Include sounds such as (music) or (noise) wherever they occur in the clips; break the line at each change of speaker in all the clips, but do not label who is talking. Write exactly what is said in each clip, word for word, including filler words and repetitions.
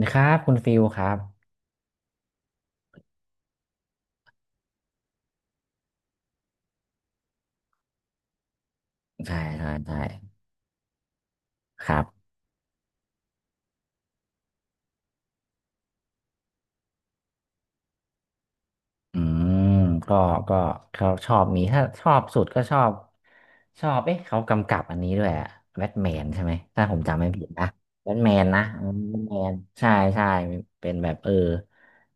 นะครับคุณฟิลครับใช่ใช่ใช่ครับ อืมก็ก็เขาชอบมีถ้าชอบสุดก็ชอบชอบเอ๊ะเขากำกับอันนี้ด้วยอะแบทแมนใช่ไหมถ้าผมจำไม่ผิดนะแบทแมนนะอืมแบทแมนใช่ใช่เป็นแบบเออ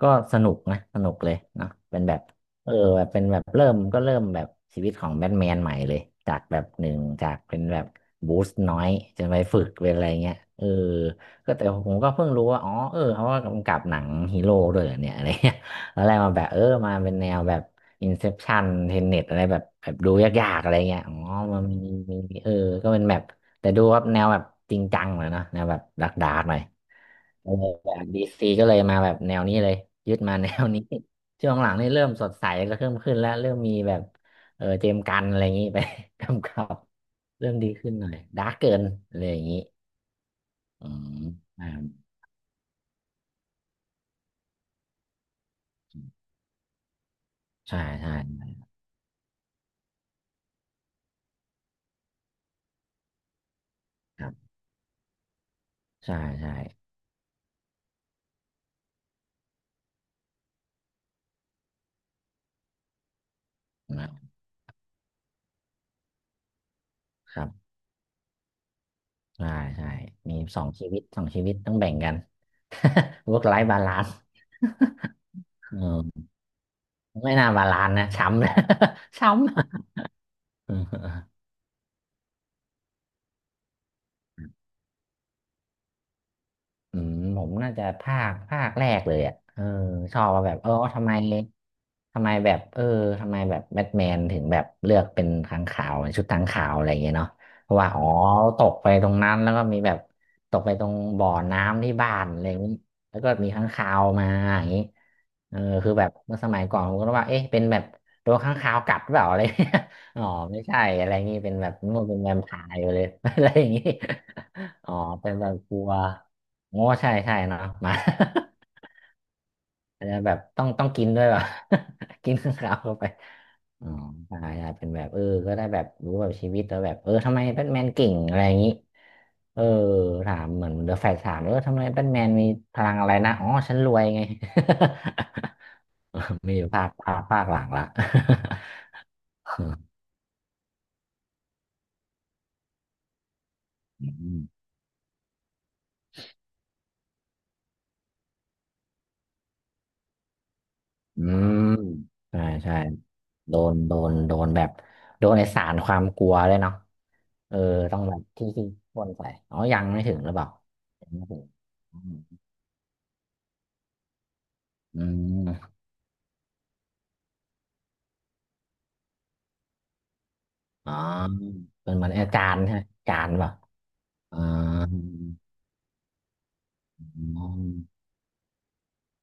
ก็สนุกนะสนุกเลยเนาะเป็นแบบเออแบบเป็นแบบเริ่มก็เริ่มแบบชีวิตของแบทแมนใหม่เลยจากแบบหนึ่งจากเป็นแบบบูสต์น้อยจะไปฝึกเป็นอะไรเงี้ยเออก็แต่ผมก็เพิ่งรู้ว่าอ๋อเออเขาก็กำกับหนังฮีโร่ด้วยเหรอเนี่ยอะไร ตอนแรกมาแบบเออมาเป็นแนวแบบ Inception เทนเน็ตอะไรแบบแบบดูยากๆอะไรเงี้ยอ๋อมันมีมีมีเออก็เป็นแบบแต่ดูครับแนวแบบจริงจังหน่อยเนอะแนวแบบดาร์กๆหน่อยเออแบบดีซีก็เลยมาแบบแนวนี้เลยยึดมาแนวนี้ (laughs) ช่วงหลังนี่เริ่มสดใสก็เริ่มขึ้นแล้วเริ่มมีแบบเออเจมส์กันอะไรอย่างนี้ไป (laughs) กำกับเริ่มดีขึ้นหน่อยดาร์กเกินอะไรอย่างนี้อืมอ่าใช่ใช่ครับใช่ใช่นะครับ ใช่ใช่ มีสองชีวิตสองชีวิตต้องแบ่งกัน (laughs) work life balance เออไม่น่าบาลานซ์นะช้ำนะ (laughs) ช้ำ อืมผมน่าจะภาคภาคแรกเลยอ่ะเออชอบว่าแบบเออทำไมทำไมแบบเออทำไมแบบแบทแมนถึงแบบเลือกเป็นค้างคาวชุดค้างคาวอะไรอย่างเงี้ยเนาะเพราะว่าอ๋อตกไปตรงนั้นแล้วก็มีแบบตกไปตรงบ่อน้ำที่บ้านอะไรอย่างงี้แล้วก็มีค้างคาวมาอย่างงี้เออคือแบบเมื่อสมัยก่อนผมก็ว่าเอ๊ะเป็นแบบโดนค้างคาวกัดหรือเปล่าอะไรเงี้ย (laughs) อ๋อไม่ใช่อะไรอย่างงี้เป็นแบบนู่นเป็นแวมไพร์ไปเลย (laughs) อะไรอย่างงี้อ๋อเป็นแบบกลัว โอ้ใช่ใช่เนาะหมา (laughs) อาจจะแบบต้องต้องกินด้วยว่ะ (laughs) กินข้าวเข้าไปอ๋อใช่ใช่เป็นแบบเออก็ได้แบบรู้แบบชีวิตแล้วแบบเออทำไมแบทแมนเก่งอะไรอย่างนี้เออถามเหมือนเดอะแฟลชถามเออทำไมแบทแมนมีพลังอะไรนะอ๋อฉันรวยไง (laughs) มีอยู่ภาคภาคภาคหลังละ (laughs) อืมอืมใช่ใช่โดนโดนโดนแบบโดนไอสารความกลัวเลยเนาะ เออต้องแบบที่ที่พ่นไปอ๋อยังไม่ถึงหรือเปล่ายังไม่ถึงอืมอืมอ๋อเป็นเหมือนอาจารย์ใช่ไหมอาจารย์เปล่าอ๋ออืม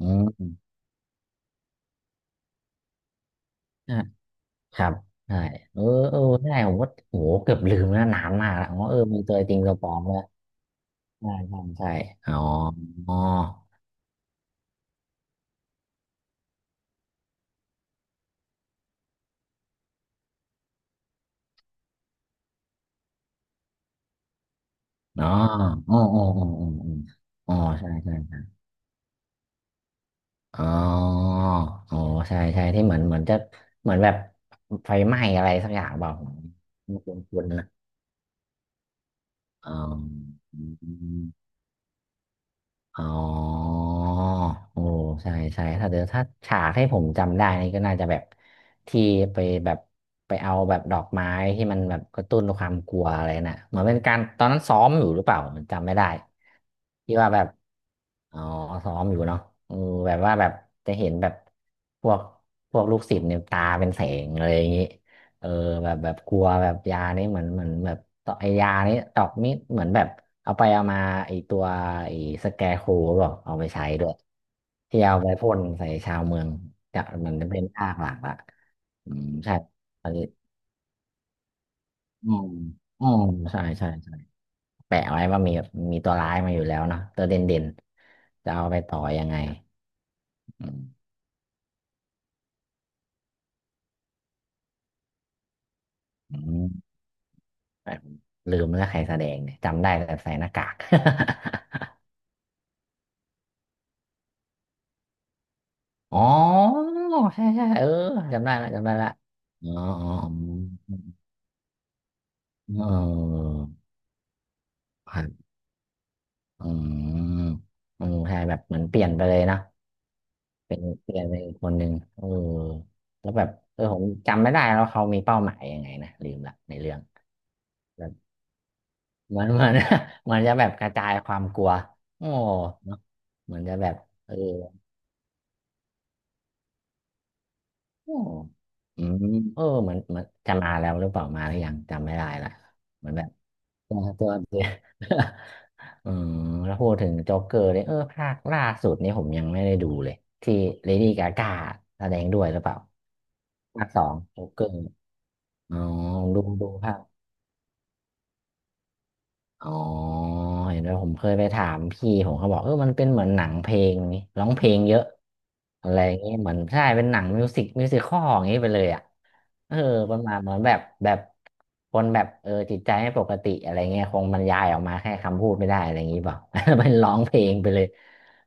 อืมอ่ะครับใช่เออเออใช่ผมก็โหเกือบลืมนะนานมากแล้วอ๋อเออมีตัวจริงตัวปลอมเลยใช่ใช่ใช่อ๋ออ๋ออ๋ออ๋ออ๋ออ๋ออ๋ออ๋อใช่ใช่ อ๋ออ๋อใช่ใช่ที่เหมือนเหมือนจะเหมือนแบบไฟไหม้อะไรสักอย่างเปล่าผมไม่คุ้นๆนะอ๋อ อ๋อโอ้ใช่ใช่ถ้าเดี๋ยวถ้าฉากให้ผมจำได้นี่ก็น่าจะแบบที่ไปแบบไปเอาแบบดอกไม้ที่มันแบบกระตุ้นความกลัวอะไรน่ะเหมือนเป็นการตอนนั้นซ้อมอยู่หรือเปล่าผมจำไม่ได้ที่ว่าแบบอ๋อซ้อมอยู่เนาะเออแบบว่าแบบจะเห็นแบบพวกพวกลูกศิษย์เนี่ยตาเป็นแสงเลยอย่างนี้ เออแบบแบบกลัวแบบยานี้เหมือนเหมือนแบบต่อไอยานี้ดอกมิ้เหมือนแบบเอาไปเอามาไอตัวไอสแกร์โครหรอเอาไปใช้ด้วยที่เอาไปพ่นใส่ชาวเมืองจะมันจะเป็นภาคหลักละอืมใช่อันนี้อืมอืมใช่ใช่ใช่แปะไว้ว่ามีมีตัวร้ายมาอยู่แล้วเนาะตัวเด่นเด่นจะเอาไปต่อยังไงอืมอืมลืมเนื้อใครแสดงเนี่ยจำได้แต่ใส่หน้ากาก (laughs) อ๋อใช่ใช่เออจำได้ละจำได้ละอ๋ออ๋ออ๋อเออครับอืมเออใช่แบบเหมือนเปลี่ยนไปเลยนะเป็นเปลี่ยนเป็นอีกคนหนึ่งเออแล้วแบบเออผมจำไม่ได้แล้วเขามีเป้าหมายยังไงนะลืมละในเรื่องแบบเหมือนเหมือน (laughs) เหมือนจะแบบกระจายความกลัวโอ้เนอะเหมือนจะแบบเออโอ้อืมเออเหมือนเหมือนจะมาแล้วหรือเปล่ามาหรือยังจำไม่ได้ละเหมือนแบบตัวตัวเดียว (laughs) อืมแล้วพูดถึงโจ๊กเกอร์เนี่ยเออภาคล่าสุดนี่ผมยังไม่ได้ดูเลยที่เลดี้กากแสดงด้วยหรือเปล่าภาคสองโจ๊กเกอร์อ๋อดูดูภาค อ๋อเห็นด้วยผมเคยไปถามพี่ผมเขาบอกเออมันเป็นเหมือนหนังเพลงนี่ร้องเพลงเยอะอะไรอย่างงี้เหมือนใช่เป็นหนังมิวสิกมิวสิคอลอย่างงี้ไปเลยอ่ะเออประมาณเหมือนแบบแบบคนแบบเออจิตใจไม่ปกติอะไรเงี้ยคงบรรยายออกมาแค่คำพูดไม่ได้อะไรอย่างงี้เปล่า (laughs) เป็นร้องเพลงไปเลย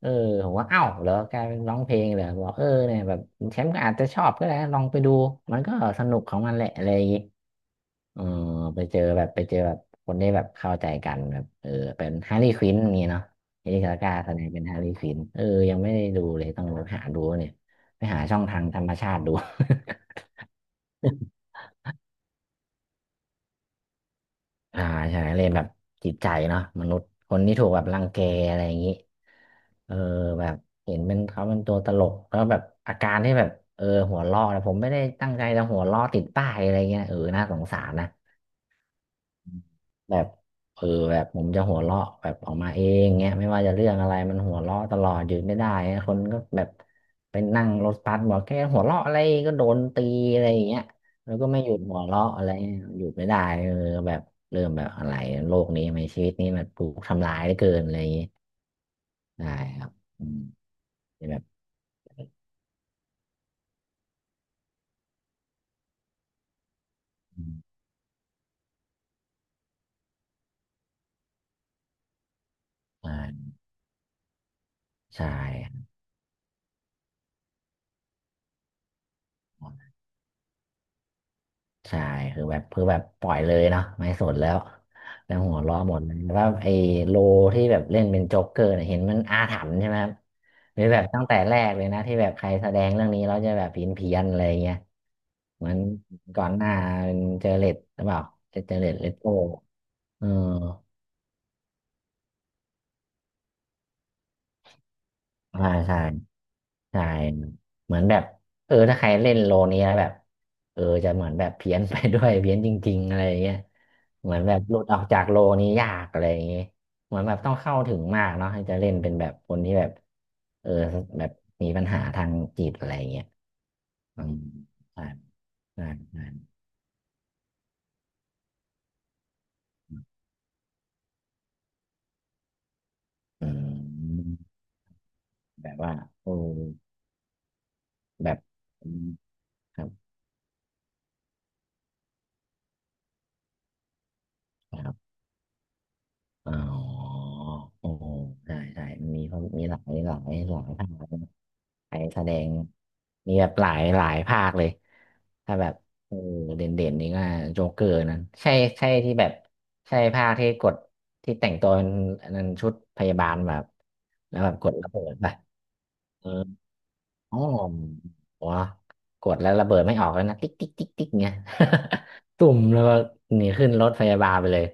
เออผมว่าเอ้าแล้วกลายเป็นร้องเพลงเลยบอกเออเนี่ยแบบแชมป์ก็อาจจะชอบก็ได้ลองไปดูมันก็สนุกของมันแหละอะไรอย่างงี้ เออไปเจอแบบไปเจอแบบคนที่แบบเข้าใจกันแบบเออเป็นฮาร์ลีควินอย่างงี้เนาะเอลิซาก้าแสดงเป็นฮาร์ลีควินเออยังไม่ได้ดูเลยต้องหาดูเนี่ยไปหาช่องทางธรรมชาติดู (laughs) อ่าใช่เลยแบบจิตใจเนาะมนุษย์คนที่ถูกแบบรังแกอะไรอย่างนี้เออแบบเห็นเป็นเขาเป็นตัวตลกแล้วแบบอาการที่แบบเออหัวเราะนะผมไม่ได้ตั้งใจจะหัวเราะติดป้ายอะไรเงี้ยเออน่าสงสารนะ แบบเออแบบผมจะหัวเราะแบบออกมาเองเงี้ยไม่ว่าจะเรื่องอะไรมันหัวเราะตลอดหยุดไม่ได้เงี้ยคนก็แบบไปนั่งรถบัสบอกแกหัวเราะอะไรก็โดนตีอะไรอย่างเงี้ยแล้วก็ไม่หยุดหัวเราะอะไรเงี้ยหยุดไม่ได้เออแบบเริ่มแบบอะไรโลกนี้ในชีวิตนี้มันถูกทำร้ายเหลือเกินอะไรอย่างงี้ได้ครับอืมแบบอืมอ่าใช่ ใช่คือแบบคือแบบปล่อยเลยเนาะไม่สนแล้วแล้วหัวเราะหมดเลยแล้วก็ไอ้โลที่แบบเล่นเป็นโจ๊กเกอร์เนี่ยเห็นมันอาถรรพ์ใช่ไหมครับหรือแบบตั้งแต่แรกเลยนะที่แบบใครแสดงเรื่องนี้เราจะแบบเพี้ยนเพียนอะไรเงี้ยเหมือนก่อนหน้าเป็นเจอเล็ตหรือเปล่าเจอเล็ตเลตโตเออ ใช่ใช่ใช่เหมือนแบบเออถ้าใครเล่นโลนี้แล้วแบบเออจะเหมือนแบบเพี้ยน (laughs) ไปด้วย (laughs) เพี้ยนจริงๆอะไรอย่างเงี้ยเหมือนแบบหลุดออกจากโลนี้ยากอะไรอย่างเงี้ยเหมือนแบบต้องเข้าถึงมากเนาะให้จะเล่นเป็นแบบคนที่แบบเออแบบมีปัญหาทางจิตอะไรอย่างเงี้ยอืมใช่ใช่ใช่อืมแบบว่าโอ้แบบอืมครับ อ๋อโอ้ใช่ใช่มีเขามีหลายหลายหลายภาคนะไปแสดงมีแบบหลายหลายภาคเลยถ้าแบบเออเด่นเด่นนี่ก็โจ๊กเกอร์นั้นใช่ใช่ที่แบบใช่ภาคที่กดที่แต่งตัวเป็นอันนั้นชุดพยาบาลแบบ แล้วแบบกดระเบิดป่ะเอออ๋อวะกดแล้วระเบิดไม่ออกแล้วนะติ๊กติ๊กติ๊กติ๊กเงี้ย (laughs) ตุ่มแล้วก็หนีขึ้นรถพยาบาลไปเลย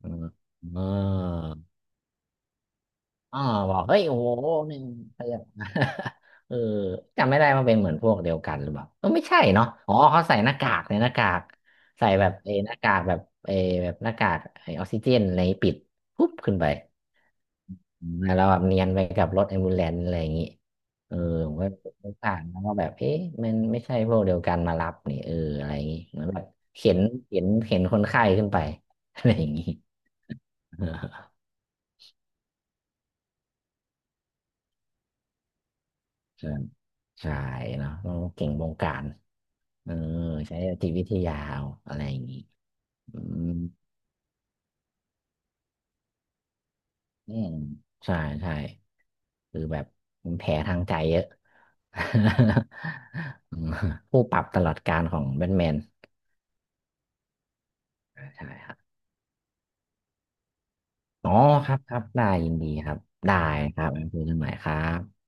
เออ อ๋อบอกเฮ้ยโอ้โห (laughs) แม่นขาเร (laughs) เออจำไม่ได้ว่าเป็นเหมือนพวกเดียวกันหรือเปล่าเอไม่ใช่เนาะอ๋อเขาใส่หน้ากากในหน้ากากใส่แบบเออหน้ากากแบบเออแบบหน้ากากไอออกซิเจนอะไรปิดปุ๊บขึ้นไปอืมแล้วแบบเนียนไปกับรถแอมบูเลนอะไรอย่างงี้เออผมก็ผ่านแล้วก็แบบเอ๊ะมันไม่ใช่พวกเดียวกันมารับนี่เอออะไรอย่างงี้เหมือนแบบเข็นเข็นเข็นคนไข้ขึ้นไปอะไรอย่างงี้ (laughs) ใช่ใช่เนาะต้องเก่งวงการเออใช้จิตวิทยาเอาอะไรอย่างงี้อืมอืมใช่ใช่คือแบบมันแผลทางใจเยอะ (laughs) อืมผู้ปรับตลอดกาลของแบทแมนใช่ครับอ๋อครับครับได้ยินดีครับได้ครับงั้นคุยกันใหม่ครับ